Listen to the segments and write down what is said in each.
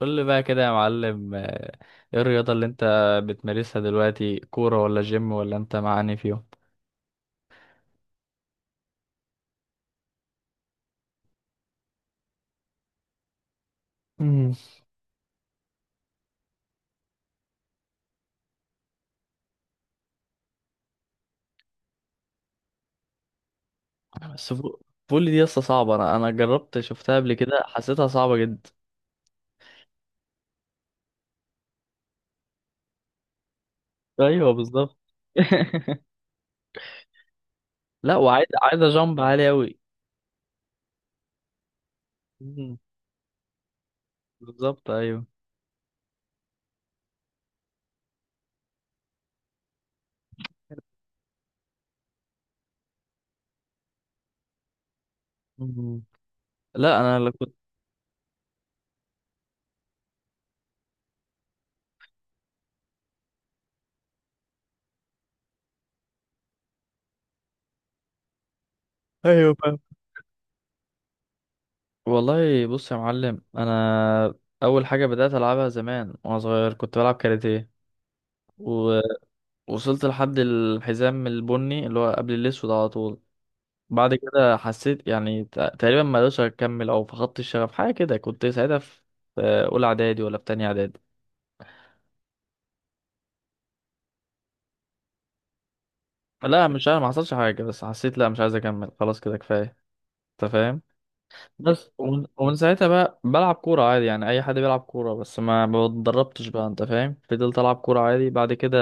قول لي بقى كده يا معلم، ايه الرياضة اللي انت بتمارسها دلوقتي؟ كورة ولا جيم، ولا انت معاني فيهم؟ مم. بس فول دي لسه صعبة. انا جربت، شفتها قبل كده، حسيتها صعبة جدا. ايوه بالظبط. لا، عايزة جامب عالي اوي. مم. بالظبط ايوه. مم. لا انا اللي كنت. ايوه فاهم. والله بص يا معلم، انا اول حاجة بدأت العبها زمان وانا صغير كنت بلعب كاراتيه. وصلت لحد الحزام البني اللي هو قبل الأسود على طول. بعد كده حسيت يعني تقريبا ما قدرتش أكمل أو فقدت الشغف، حاجة كده. كنت ساعتها في أولى إعدادي ولا في تانية إعدادي. لا مش عارف، ما حصلش حاجة، بس حسيت لا، مش عايز أكمل، خلاص كده كفاية. أنت فاهم. بس ومن ساعتها بقى بلعب كورة عادي، يعني أي حد بيلعب كورة، بس ما اتدربتش بقى. أنت فاهم. فضلت ألعب كورة عادي بعد كده.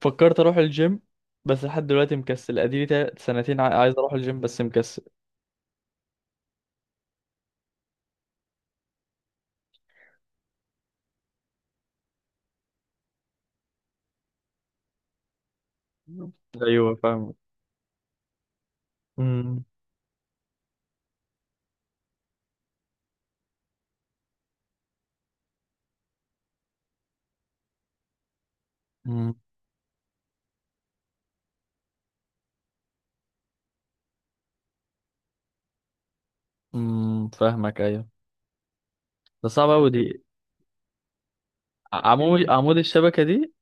فكرت أروح الجيم، بس لحد دلوقتي مكسل. أديلي سنتين عايز أروح الجيم بس مكسل. أيوه فاهم. مم. مم. فاهمك ايوه. ده صعب اوي دي. عمود الشبكة دي؟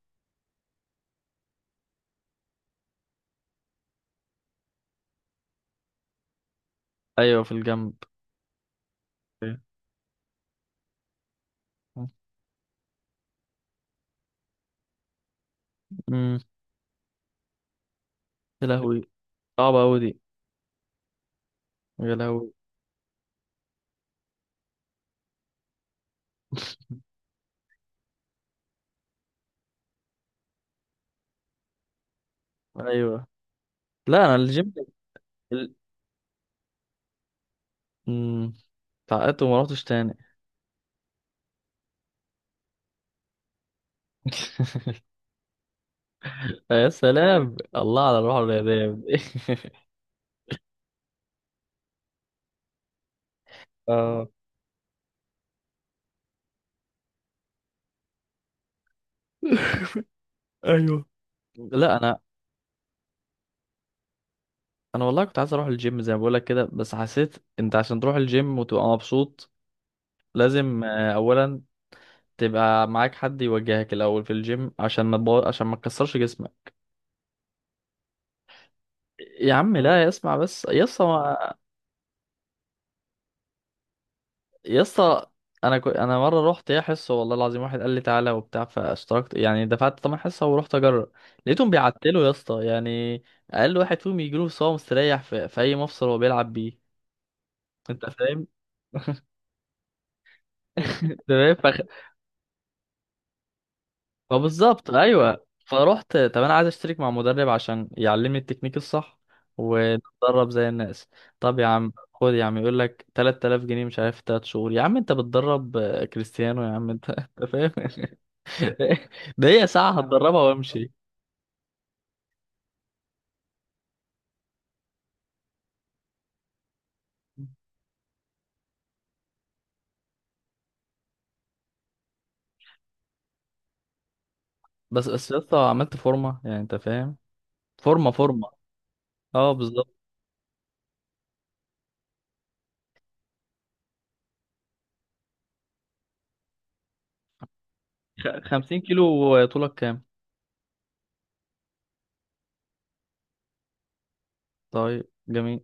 ايوه في الجنب. امم. يا لهوي. صعبة اوي دي. يا لهوي. ايوه. لا انا الجيم. ال... مم. اتعقدت وما رحتش تاني. يا سلام، الله على الروح الرياضية دي. اه ايوه. لا انا والله كنت عايز اروح الجيم زي ما بقولك كده، بس حسيت انت عشان تروح الجيم وتبقى مبسوط لازم اولا تبقى معاك حد يوجهك الاول في الجيم، عشان ما تكسرش جسمك. يا عم لا، اسمع بس يا اسطى يا اسطى. انا مره رحت ايه حصه، والله العظيم، واحد قال لي تعالى وبتاع، فاشتركت يعني، دفعت ثمن حصه ورحت اجرب. لقيتهم بيعتلوا يا اسطى يعني. اقل واحد فيهم يجيله صوم، مستريح في اي مفصل هو بيلعب بيه. انت فاهم. انت فاهم. ما بالظبط ايوه. فروحت، طب انا عايز اشترك مع مدرب عشان يعلمني التكنيك الصح ونتدرب زي الناس. طب يا عم، خد يا عم، يقول لك 3000 جنيه مش عارف 3 شهور. يا عم انت بتدرب كريستيانو يا عم انت. انت فاهم. ده هي ساعة هتدربها وامشي. بس يا اسطى عملت فورمة يعني انت فاهم. فورمة فورمة. اه بالظبط. 50 كيلو، طولك كام؟ طيب جميل.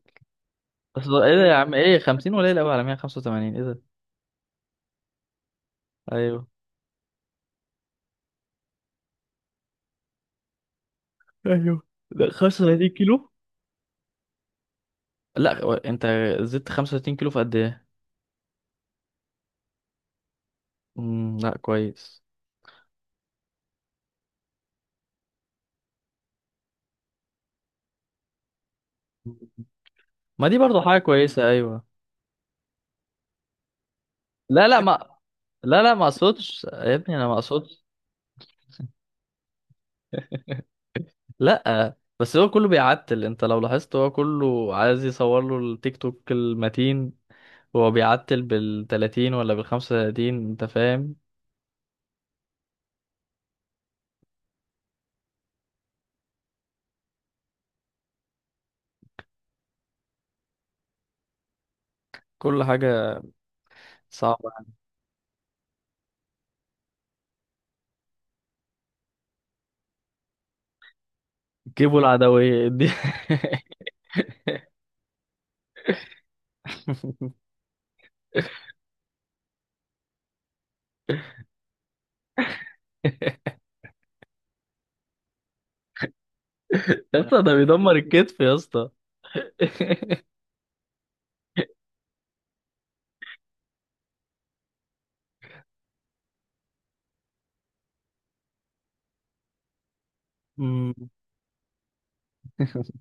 بس ايه ده يا عم؟ ايه 50؟ قليل قوي على 185. ايه ده؟ ايوه. ايوه ده 35 كيلو. لا، هو انت زدت 35 كيلو في قد ايه؟ لا كويس. ما دي برضو حاجة كويسة، ايوه. لا لا ما لا لا، ما اقصدش يا ابني، انا ما اقصدش. لا بس هو كله بيعتل، انت لو لاحظت هو كله عايز يصور له التيك توك المتين. هو بيعتل بال 30 ولا بال 35، انت فاهم؟ كل حاجة صعبة. جيبوا العدوية دي. يا اسطى ده بيدمر الكتف يا اسطى. مم.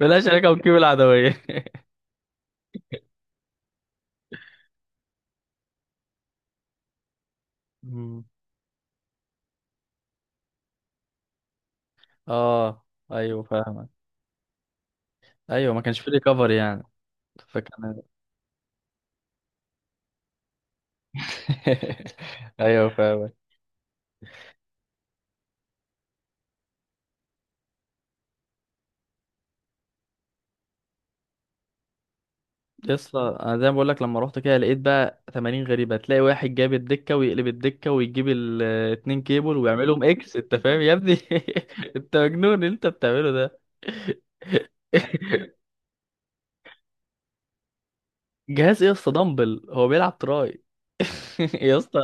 بلاش عليك وجيب العدوية. مم. اه ايوه فاهمك. ايوه ما كانش في ريكفري يعني. فكان. ايوه فاهمك. يس انا زي ما بقول لك، لما رحت كده لقيت بقى تمارين غريبه. تلاقي واحد جاب الدكه ويقلب الدكه ويجيب الاتنين كيبل ويعملهم اكس. انت فاهم يا ابني. انت مجنون اللي انت بتعمله ده. جهاز ايه يا اسطى؟ دمبل. هو بيلعب تراي. يا اسطى.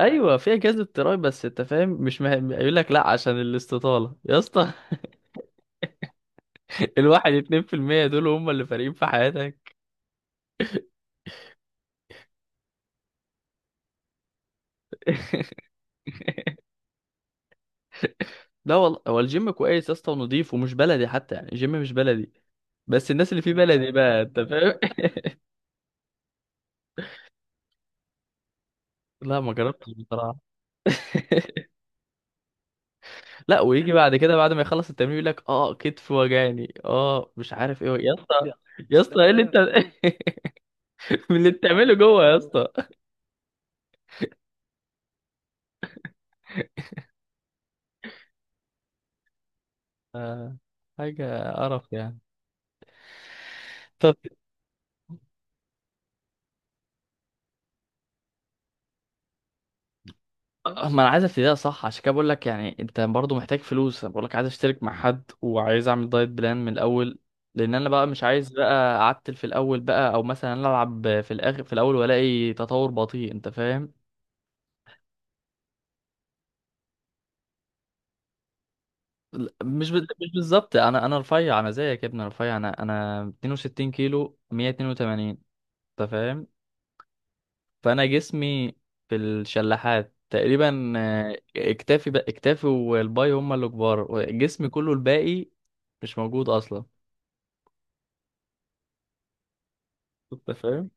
ايوه في اجهزه تراي، بس انت فاهم مش مهم، يقول لك لا عشان الاستطاله يا اسطى. الواحد 2% دول هم اللي فارقين في حياتك. لا والله هو الجيم كويس يا اسطى، ونضيف، ومش بلدي حتى يعني، الجيم مش بلدي. بس الناس اللي فيه بلدي بقى، انت فاهم. لا ما جربتش بصراحة. لا، ويجي بعد كده بعد ما يخلص التمرين يقول لك اه كتف وجعني، اه مش عارف ايه يا اسطى. يا اسطى، ايه اللي انت؟ من اللي بتعمله جوه يا اسطى؟ آه، حاجة قرف يعني. طب. ما انا عايز ابتديها صح، عشان كده بقول لك يعني. انت برضو محتاج فلوس، انا بقول لك عايز اشترك مع حد وعايز اعمل دايت بلان من الاول. لان انا بقى مش عايز بقى اعتل في الاول بقى، او مثلا العب في الاخر، في الاول والاقي تطور بطيء انت فاهم. لا، مش بالظبط. انا رفيع، انا زيك يا ابني، انا رفيع. انا 62 كيلو، 182. انت فاهم. فانا جسمي في الشلاحات تقريبا، اكتافي بقى، اكتافي والباي هما اللي كبار، جسمي كله الباقي مش موجود اصلا. انت فاهم.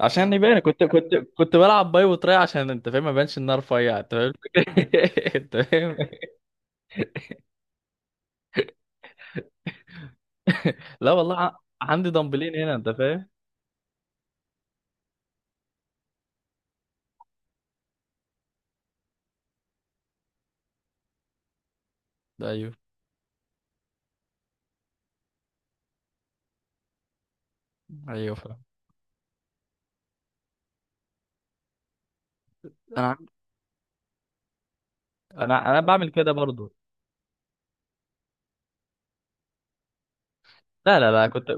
عشان يبان كنت بلعب باي وتراي عشان انت فاهم ما يبانش ان انا رفيع. انت فاهم. انت فاهم. لا والله عندي دمبلين هنا انت فاهم. ده ايوه. ايوه فاهم. انا عن- انا بعمل كده برضو. لا لا لا،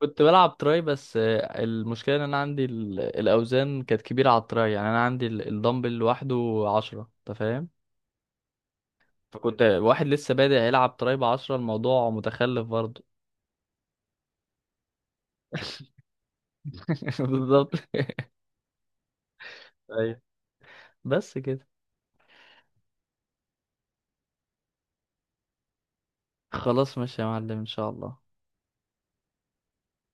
كنت بلعب تراي بس، المشكله ان انا عندي الاوزان كانت كبيره على التراي، يعني انا عندي الدمبل لوحده 10 انت فاهم. فكنت واحد لسه بادئ يلعب تراي ب 10، الموضوع متخلف برضه. بالظبط ايوه. بس كده. خلاص ماشي يا معلم ان شاء الله.